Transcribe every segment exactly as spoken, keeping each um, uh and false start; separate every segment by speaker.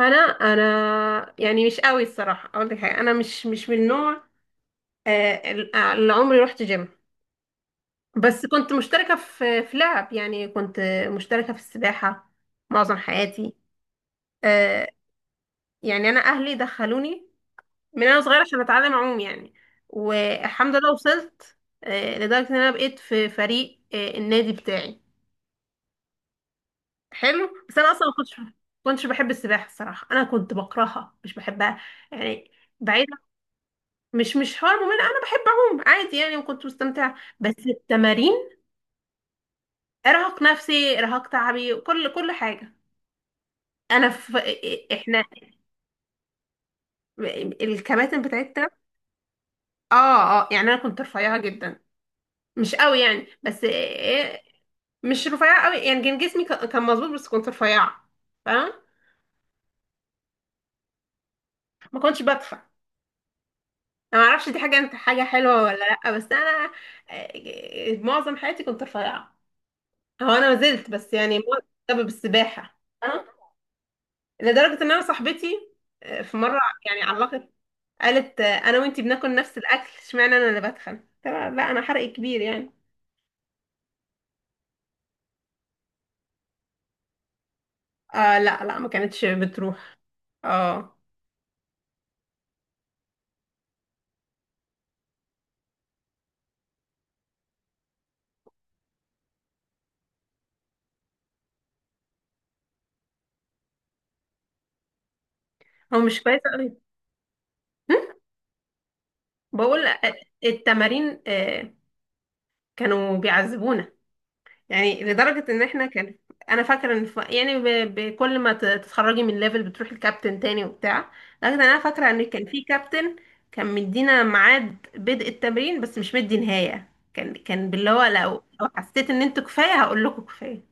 Speaker 1: انا انا، يعني مش قوي الصراحه، اقول لك حاجه. انا مش مش من النوع آه، اللي عمري رحت جيم، بس كنت مشتركه في في لعب، يعني كنت مشتركه في السباحه معظم حياتي. آه، يعني انا اهلي دخلوني من انا صغيره عشان اتعلم اعوم، يعني والحمد لله وصلت. آه، لدرجه ان انا بقيت في فريق آه، النادي بتاعي. حلو، بس انا اصلا ما كنتش كنتش بحب السباحه الصراحه، انا كنت بكرهها، مش بحبها يعني، بعيد. مش مش حوار ممل، انا بحب اعوم عادي يعني، وكنت مستمتعه بس التمارين ارهاق نفسي، ارهاق تعبي، كل كل حاجه. انا في احنا الكباتن بتاعتنا. اه، اه، يعني انا كنت رفيعه جدا، مش قوي يعني، بس إيه، مش رفيعه قوي يعني، كان جسمي ك- كان مظبوط بس كنت رفيعه، فاهم. ما كنتش بدفع. انا ما اعرفش دي حاجه انت حاجه حلوه ولا لا، بس انا إيه، معظم حياتي كنت رفيعه. هو انا ما زلت، بس يعني بسبب السباحه. لدرجة ان انا صاحبتي آه، في مرة يعني علقت، قالت آه، انا وانتي بناكل نفس الاكل، اشمعنى انا اللي بتخن؟ قلت لها لا، انا حرق كبير يعني. آه لا لا، ما كانتش بتروح. اه، هو مش كويس قوي. بقول آه، التمارين آه، كانوا بيعذبونا. يعني لدرجة ان احنا كان انا فاكرة ان ف... يعني ب... بكل ما ت- تتخرجي من ليفل بتروحي الكابتن تاني وبتاع. لكن انا فاكرة ان كان في كابتن كان مدينا ميعاد بدء التمرين، بس مش مدي نهاية، كان كان باللي هو، لو لو حسيت ان انتوا كفاية هقول لكم كفاية.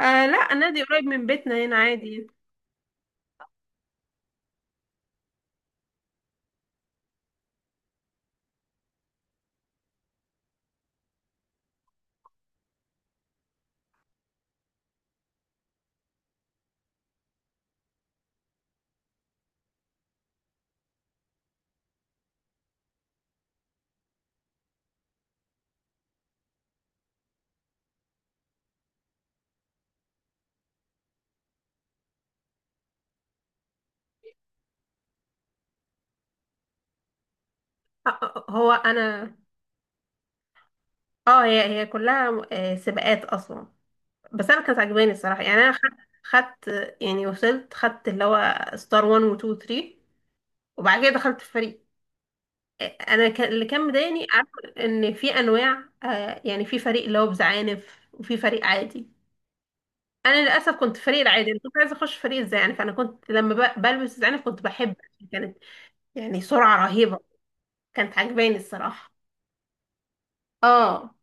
Speaker 1: آه لا، النادي قريب من بيتنا هنا عادي. آه، آه، آه، هو انا. اه، هي هي كلها آه سباقات اصلا، بس انا كانت عجباني الصراحة يعني. انا خدت خدت، يعني وصلت، خدت اللي هو ستار واحد و اتنين و تلاتة، وبعد كده دخلت في فريق. انا كان اللي كان مضايقني عارف، ان في انواع، آه يعني في فريق اللي هو بزعانف وفي فريق عادي. انا للاسف كنت فريق العادي، انا كنت عايزه اخش فريق الزعانف. انا كنت لما ب- بلبس الزعانف كنت بحب عشان كانت يعني سرعه رهيبه، كانت عجباني الصراحه. اه،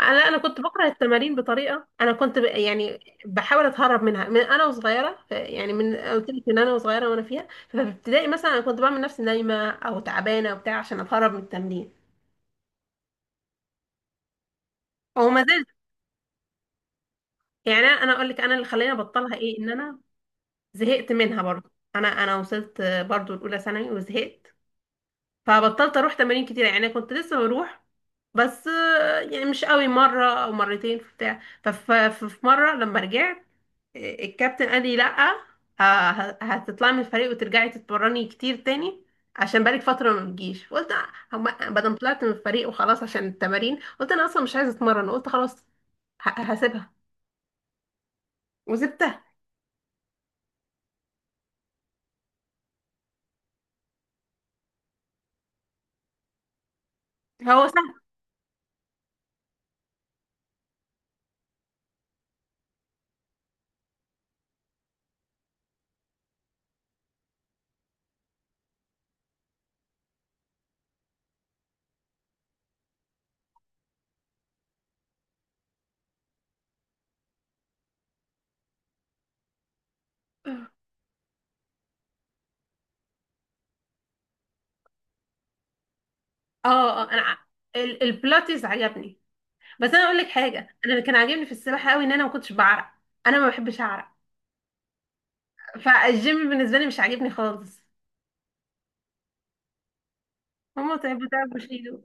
Speaker 1: انا انا كنت بكره التمارين بطريقه، انا كنت ب... يعني بحاول اتهرب منها من انا وصغيره، ف- يعني من قلت لك من انا وصغيره، وانا فيها ففي ابتدائي مثلا انا كنت بعمل نفسي نايمه او تعبانه وبتاع عشان اتهرب من التمرين. هو ما زال. يعني انا أنا اقول لك انا اللي خلاني ابطلها ايه، ان انا زهقت منها برضو. انا انا وصلت برضو الاولى ثانوي وزهقت، فبطلت اروح تمارين كتير، يعني انا كنت لسه بروح بس آه، يعني مش قوي، مره او مرتين في بتاع. ففي مره لما رجعت آه، الكابتن قال لي لا، آه، ه- هتطلعي من الفريق وترجعي تتمرني كتير تاني، عشان بقالك فتره ما بتجيش. قلت آه، هما- بدل ما طلعت من الفريق وخلاص عشان التمارين، قلت انا اصلا مش عايزه اتمرن، قلت خلاص ه- هسيبها، وسبتها. هو اه، آه، انا ع- ال- البلاتيز عجبني. بس انا اقول لك حاجه، انا اللي كان عاجبني في السباحه قوي ان انا ما كنتش بعرق. انا ما بحبش اعرق، فالجيم بالنسبه لي مش عاجبني خالص، هما تعبوا تعب وشيلوا.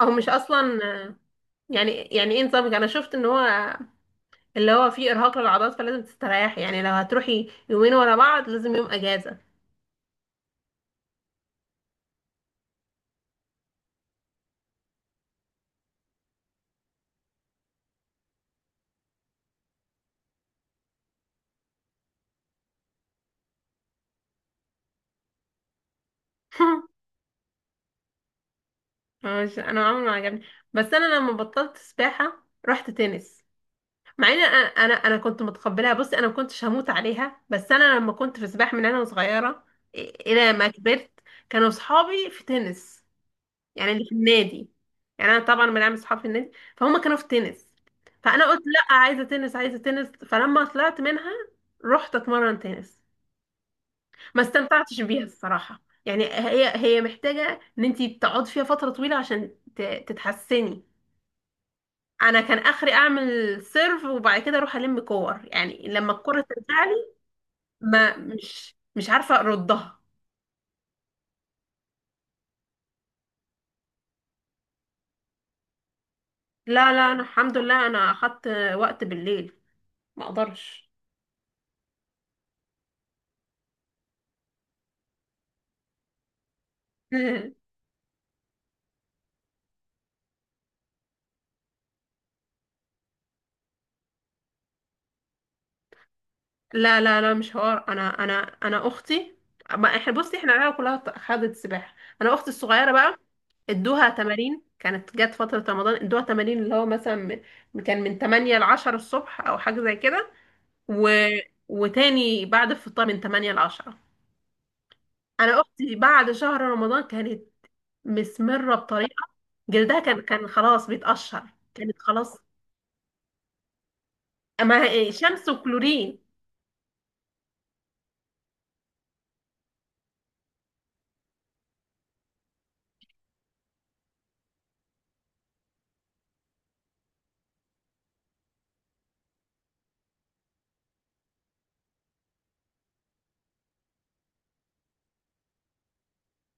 Speaker 1: او مش اصلا، يعني يعني ايه نظامك؟ انا شفت ان هو اللي هو فيه ارهاق للعضلات فلازم تستريحي، يعني لو هتروحي يومين ورا بعض لازم يوم اجازه. مش، انا عمري ما عجبني، بس انا لما بطلت سباحه رحت تنس. مع ان انا انا أنا كنت متقبلها، بصي انا ما كنتش هموت عليها، بس انا لما كنت في سباحه من انا صغيره إ- الى ما كبرت كانوا صحابي في تنس، يعني اللي في النادي. يعني انا طبعا من عامل صحاب في النادي، فهم كانوا في تنس، فانا قلت لا، عايزه تنس عايزه تنس، فلما طلعت منها رحت اتمرن تنس. ما استمتعتش بيها الصراحه، يعني هي هي محتاجه ان انت تقعد فيها فتره طويله عشان ت- تتحسني. انا كان اخري اعمل سيرف، وبعد كده اروح الم كور، يعني لما الكرة ترجع لي ما مش مش عارفة اردها. لا لا، انا الحمد لله انا اخدت وقت بالليل، ما اقدرش. لا لا لا، مش حوار. انا انا انا اختي، ما احنا بصي، احنا العيله كلها خدت سباحة. انا اختي الصغيرة بقى ادوها تمارين، كانت جت فترة رمضان ادوها تمارين اللي هو مثلا من- كان من تمانية ل عشرة الصبح او حاجة زي كده، و... وتاني بعد الفطار من تمانية ل عشرة. انا اختي بعد شهر رمضان كانت مسمره بطريقه، جلدها كان كان خلاص بيتقشر، كانت خلاص، ما هي- شمس وكلورين.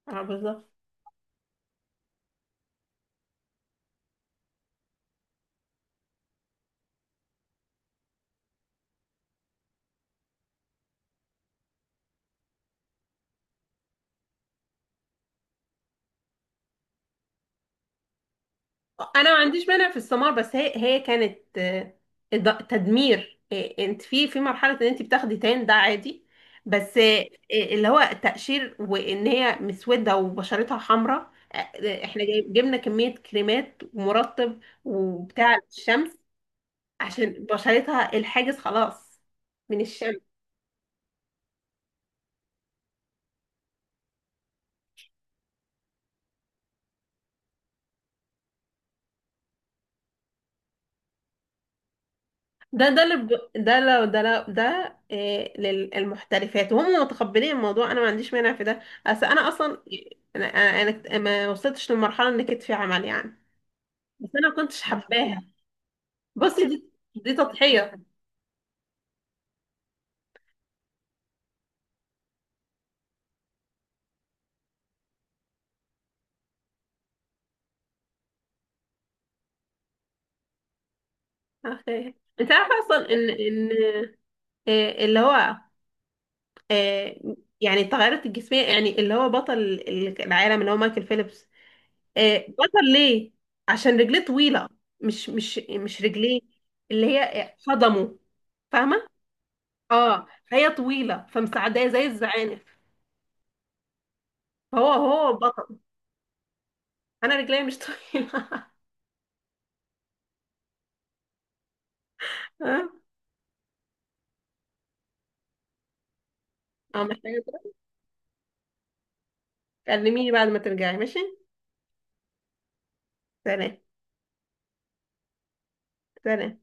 Speaker 1: اه بالظبط. انا ما عنديش مانع في السمار، بس هي هي كانت آه، إض- تدمير. آه، انت في في مرحله ان انت بتاخدي تان ده عادي، بس آه، اللي هو تقشير، وان هي مسوده وبشرتها حمراء. آه، آه، احنا جايب- جبنا كميه كريمات ومرطب وبتاع الشمس عشان بشرتها الحاجز خلاص من الشمس. ده ده اللي ب- ده، لو ده لو ده إيه للمحترفات وهم متقبلين الموضوع، انا ما عنديش مانع في ده، بس انا اصلا انا انا أنا ما وصلتش للمرحله ان كتفي عمل يعني، بس انا ما كنتش حباها. بصي دي دي تضحيه. أوكي. انت عارفه اصلا ان ان إيه اللي هو إيه، يعني التغيرات الجسميه، يعني اللي هو بطل العالم اللي هو مايكل فيليبس آه، بطل ليه؟ عشان رجليه طويلة، مش مش مش رجليه، اللي هي قدمه، فاهمة. اه، هي طويلة فمساعداه زي الزعانف، فهو هو بطل. انا رجلي مش طويلة. اه، آه، محتاجة تروح؟ كلميني بعد ما ترجعي، ماشي. سلام سلام.